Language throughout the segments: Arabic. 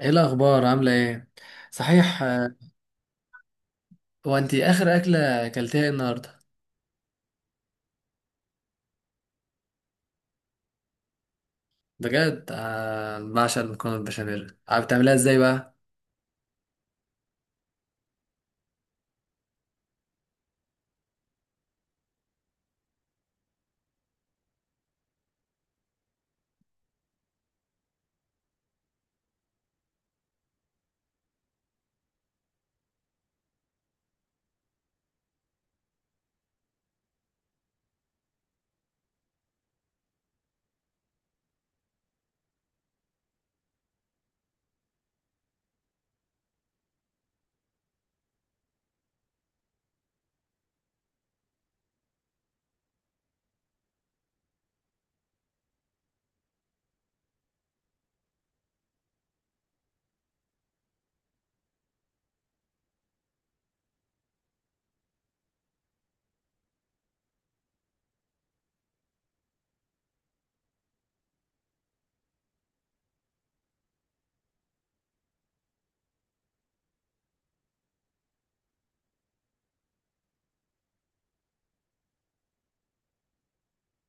ايه الاخبار؟ عامله ايه؟ صحيح، آه. هو انت اخر اكله اكلتيها إيه النهارده؟ بجد، آه، بعشق المكرونه البشاميل. عارف بتعمليها ازاي بقى؟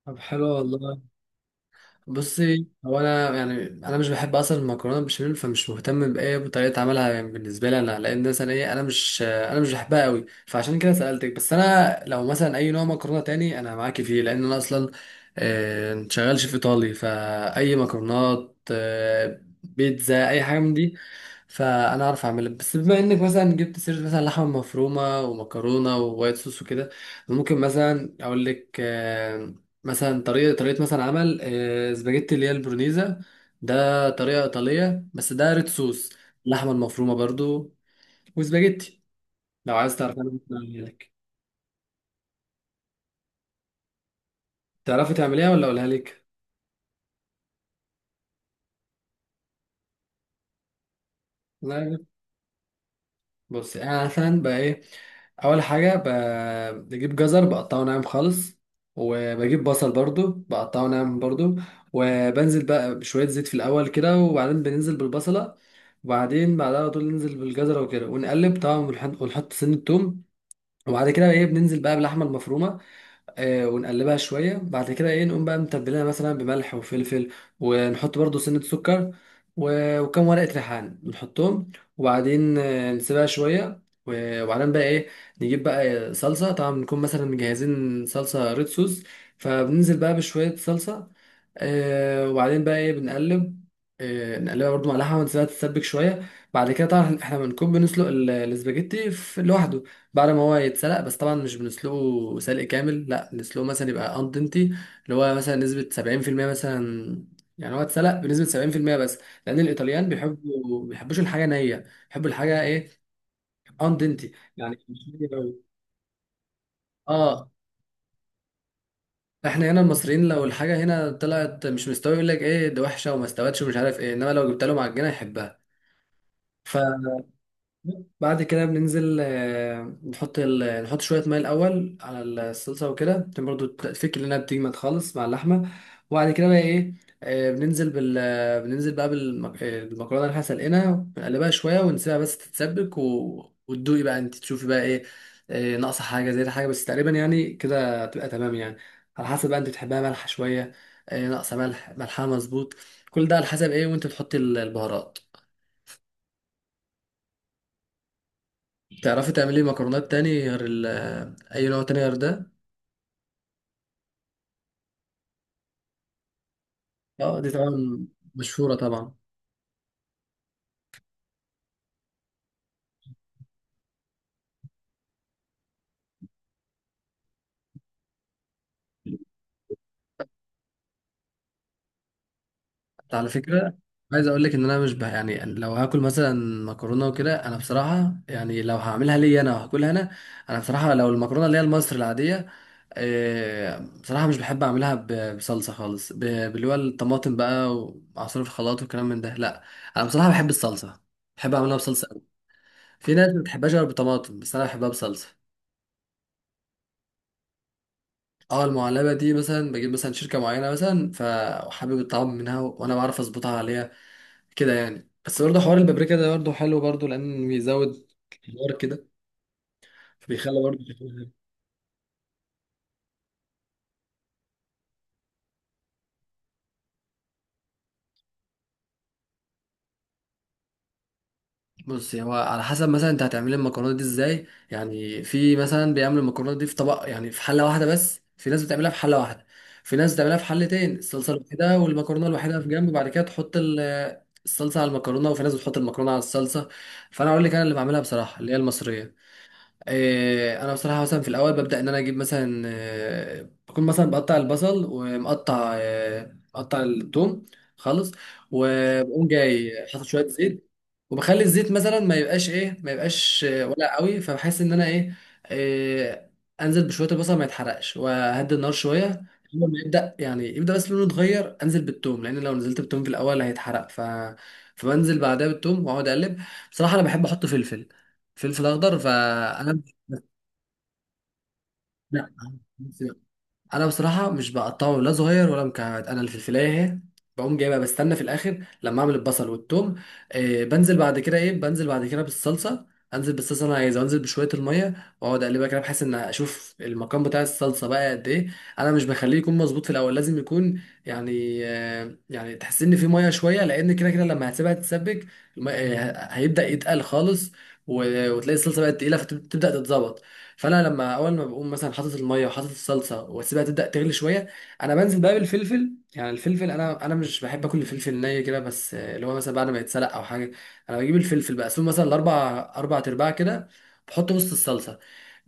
طب حلو والله. بصي، هو انا يعني انا مش بحب اصلا المكرونه بالبشاميل، فمش مهتم بايه بطريقه عملها، يعني بالنسبه لي انا، لان مثلا ايه، انا مش بحبها قوي، فعشان كده سالتك. بس انا لو مثلا اي نوع مكرونه تاني انا معاكي فيه، لان انا اصلا شغال شيف ايطالي، فاي مكرونات، بيتزا، اي حاجه من دي فانا اعرف اعملها. بس بما انك مثلا جبت سيره مثلا لحمه مفرومه ومكرونه ووايت صوص وكده، ممكن مثلا اقول لك، مثلا طريقة مثلا عمل، سباجيتي اللي هي البرونيزا. ده طريقة إيطالية بس ده ريد صوص. اللحمة المفرومة برضو، وسباجيتي. لو عايز تعرف، أنا ممكن أعملها لك. تعرفي تعمليها ولا أقولها لك؟ لا، بص أنا مثلا بقى إيه، أول حاجة بجيب جزر بقطعه ناعم خالص، وبجيب بصل برضو بقطعه ناعم برضو، وبنزل بقى بشوية زيت في الأول كده، وبعدين بننزل بالبصلة، وبعدين بعدها على طول ننزل بالجزرة وكده، ونقلب طبعا، ونحط سن التوم. وبعد كده ايه بننزل بقى باللحمه المفرومه، ونقلبها شويه. بعد كده ايه نقوم بقى متبلينها مثلا بملح وفلفل، ونحط برضو سنه سكر و- وكم ورقه ريحان نحطهم. وبعدين نسيبها شويه. و- وبعدين بقى ايه، نجيب بقى صلصه، طبعا بنكون مثلا مجهزين صلصه ريد صوص، فبننزل بقى بشويه صلصه، وبعدين بقى ايه بنقلب، نقلبها برضو مع لحمة، نسيبها تتسبك شوية. بعد كده طبعا احنا بنكون بنسلق الاسباجيتي في لوحده، بعد ما هو يتسلق، بس طبعا مش بنسلقه سلق كامل، لا، نسلقه مثلا يبقى اندنتي، اللي هو مثلا نسبة 70% مثلا، يعني هو اتسلق بنسبة 70% بس. لأن الإيطاليان بيحبوش الحاجة نية، بيحبوا الحاجة ايه، اندنتي، يعني مش نية أوي. اه، احنا هنا المصريين، لو الحاجة هنا طلعت مش مستوية يقول لك ايه ده، وحشة وما استوتش ومش عارف ايه، انما لو جبت له معجنة يحبها. ف، بعد كده بننزل، نحط شوية مية الأول على الصلصة وكده، عشان برضو تفك لنا، بتجمد خالص مع اللحمة. وبعد كده بقى إيه، بننزل بقى بالمكرونة اللي احنا سلقنا، بنقلبها شوية ونسيبها بس تتسبك، و... وتدوقي بقى أنت، تشوفي بقى إيه، ناقصة حاجة زي حاجة، بس تقريبا يعني كده تبقى تمام يعني، على حسب بقى أنت بتحبها مالحة شوية، ناقصة ملح، ملحها مظبوط. كل ده على حسب إيه وأنت بتحطي البهارات. تعرفي تعملي مكرونات تاني غير أي نوع تاني غير ده؟ اه، دي طبعا مشهورة طبعا. حتى على فكرة، عايز أقول لك إن أنا مش يعني لو هاكل مثلا مكرونة وكده، أنا بصراحة يعني لو هعملها لي أنا وهاكلها أنا، أنا بصراحة لو المكرونة اللي هي المصري العادية، بصراحة مش بحب أعملها بصلصة خالص، باللي هو الطماطم بقى، ومع صوص الخلاط والكلام من ده لأ. أنا بصراحة بحب الصلصة، بحب أعملها بصلصة أوي. في ناس ما بتحبهاش غير بطماطم، بس أنا بحبها بصلصة. اه، المعلبة دي مثلا بجيب مثلا شركة معينة، مثلا فحابب الطعام منها، وأنا بعرف أظبطها عليها كده يعني. بس برضه حوار البابريكا ده برضه حلو برضه، لأن بيزود الحوار كده، فبيخلي برضه. بصي، هو على حسب مثلا انت هتعملي المكرونه دي ازاي. يعني في مثلا بيعملوا المكرونه دي في طبق، يعني في حله واحده بس. في ناس بتعملها في حله واحده، في ناس بتعملها في حلتين، الصلصه الوحيده والمكرونه الوحيده في جنب، بعد كده تحط الصلصه على المكرونه، وفي ناس بتحط المكرونه على الصلصه. فانا اقول لك، انا اللي بعملها بصراحه اللي هي المصريه، انا بصراحه مثلا في الاول ببدا ان انا اجيب مثلا، بكون مثلا بقطع البصل، ومقطع آه، مقطع الثوم خالص. وبقوم جاي حاطط شويه زيت، وبخلي الزيت مثلا ما يبقاش ولا قوي، فبحس ان انا ايه، آه، انزل بشويه البصل ما يتحرقش، واهدي النار شويه. اول ما يبدا بس لونه يتغير، انزل بالثوم، لان لو نزلت بالثوم في الاول هيتحرق، ف، فبنزل بعدها بالثوم، واقعد اقلب. بصراحه انا بحب احط فلفل، فلفل اخضر، فانا، لا، انا بصراحه مش بقطعه لا صغير ولا مكعبات. انا اللي في الفلايه اهي بقوم جايبها، بستنى في الاخر لما اعمل البصل والثوم. بنزل بعد كده بالصلصه. انزل بالصلصه اللي انا عايزها، وانزل بشويه الميه، واقعد اقلبها كده، بحيث ان اشوف المقام بتاع الصلصه بقى قد ايه. انا مش بخليه يكون مظبوط في الاول، لازم يكون يعني، آه، يعني تحس ان في ميه شويه، لان كده كده لما هتسيبها تتسبك هيبدا يتقل خالص، و- وتلاقي الصلصه بقت تقيله، فتبدا تتظبط. فانا لما اول ما بقوم مثلا حاطط الميه وحاطط الصلصه، واسيبها تبدا تغلي شويه، انا بنزل بقى بالفلفل. يعني الفلفل، انا مش بحب اكل الفلفل ني كده، بس اللي هو مثلا بعد ما يتسلق او حاجه. انا بجيب الفلفل بقى، اسيبه مثلا اربع ارباع كده، بحطه وسط الصلصه.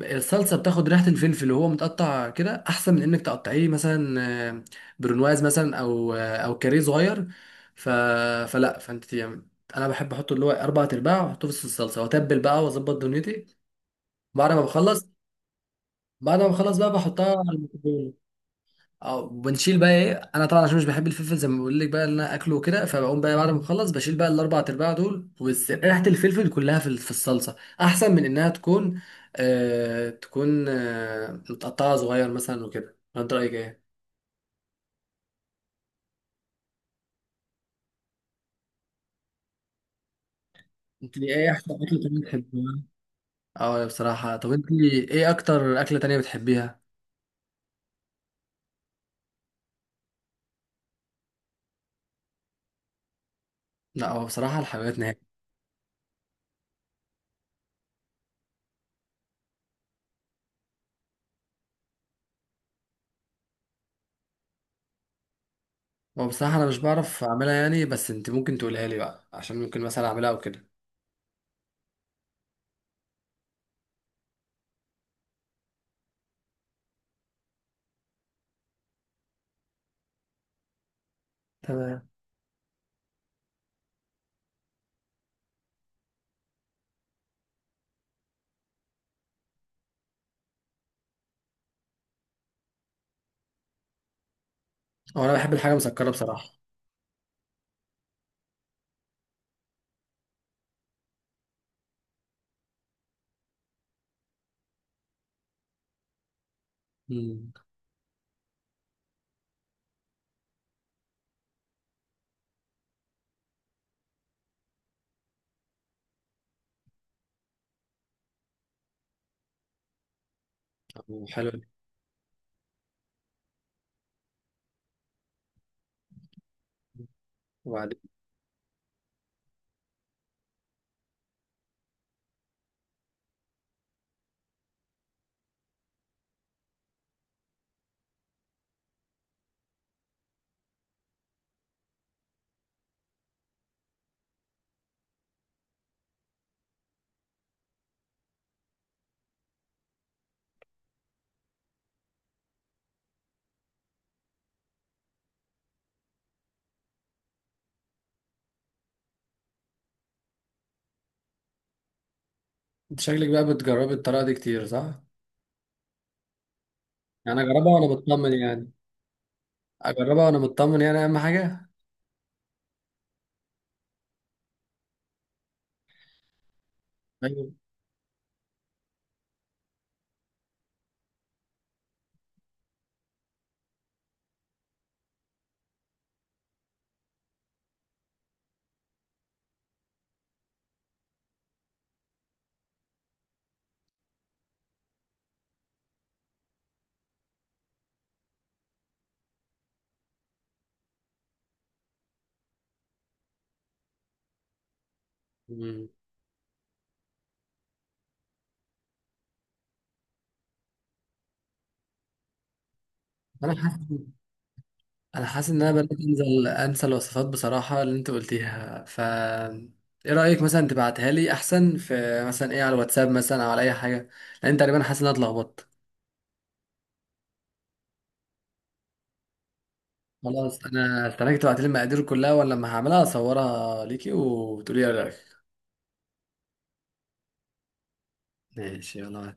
الصلصه بتاخد ريحه الفلفل وهو متقطع كده، احسن من انك تقطعيه مثلا آه، برونواز مثلا، او كاريه صغير. ف... فلا، فانت يعني، انا بحب احطه اللي هو اربع ارباع، واحطه في وسط الصلصه، واتبل بقى واظبط دنيتي. بعد ما بخلص، بعد ما خلاص بقى بحطها على الميكرويف، او بنشيل بقى ايه. انا طبعا عشان مش بحب الفلفل زي ما بقول لك بقى ان انا اكله كده، فبقوم بقى بعد ما اخلص بشيل بقى الاربع ارباع دول، وبس ريحه الفلفل كلها في في الصلصه، احسن من انها تكون تكون متقطعه صغير مثلا وكده. انت رايك ايه؟ انت ايه احسن اكله تانية بتحبيها؟ اه بصراحه، طب انت ايه اكتر اكله تانية بتحبيها؟ لا، هو بصراحه الحلويات نهائي. هو بصراحه انا مش بعرف اعملها يعني، بس انت ممكن تقولها لي بقى عشان ممكن مثلا اعملها او كده. تمام. هو انا بحب الحاجه مسكره بصراحه. امم. حلو. وبعدين؟ انت شكلك بقى بتجربي الطريقه دي كتير صح؟ يعني اجربها وانا مطمن يعني اهم حاجه. ايوه. امم انا حاسس انا حاسس ان انا بدات انزل انسى الوصفات بصراحه اللي انت قلتيها. ف، ايه رايك مثلا تبعتها لي احسن، في مثلا ايه، على الواتساب مثلا او على اي حاجه، لان انت تقريبا حاسس ان انا اتلخبطت. خلاص، انا استناك تبعتي لي المقادير كلها، ولا لما هعملها اصورها ليكي وتقولي لي رايك؟ ماشي، يلا.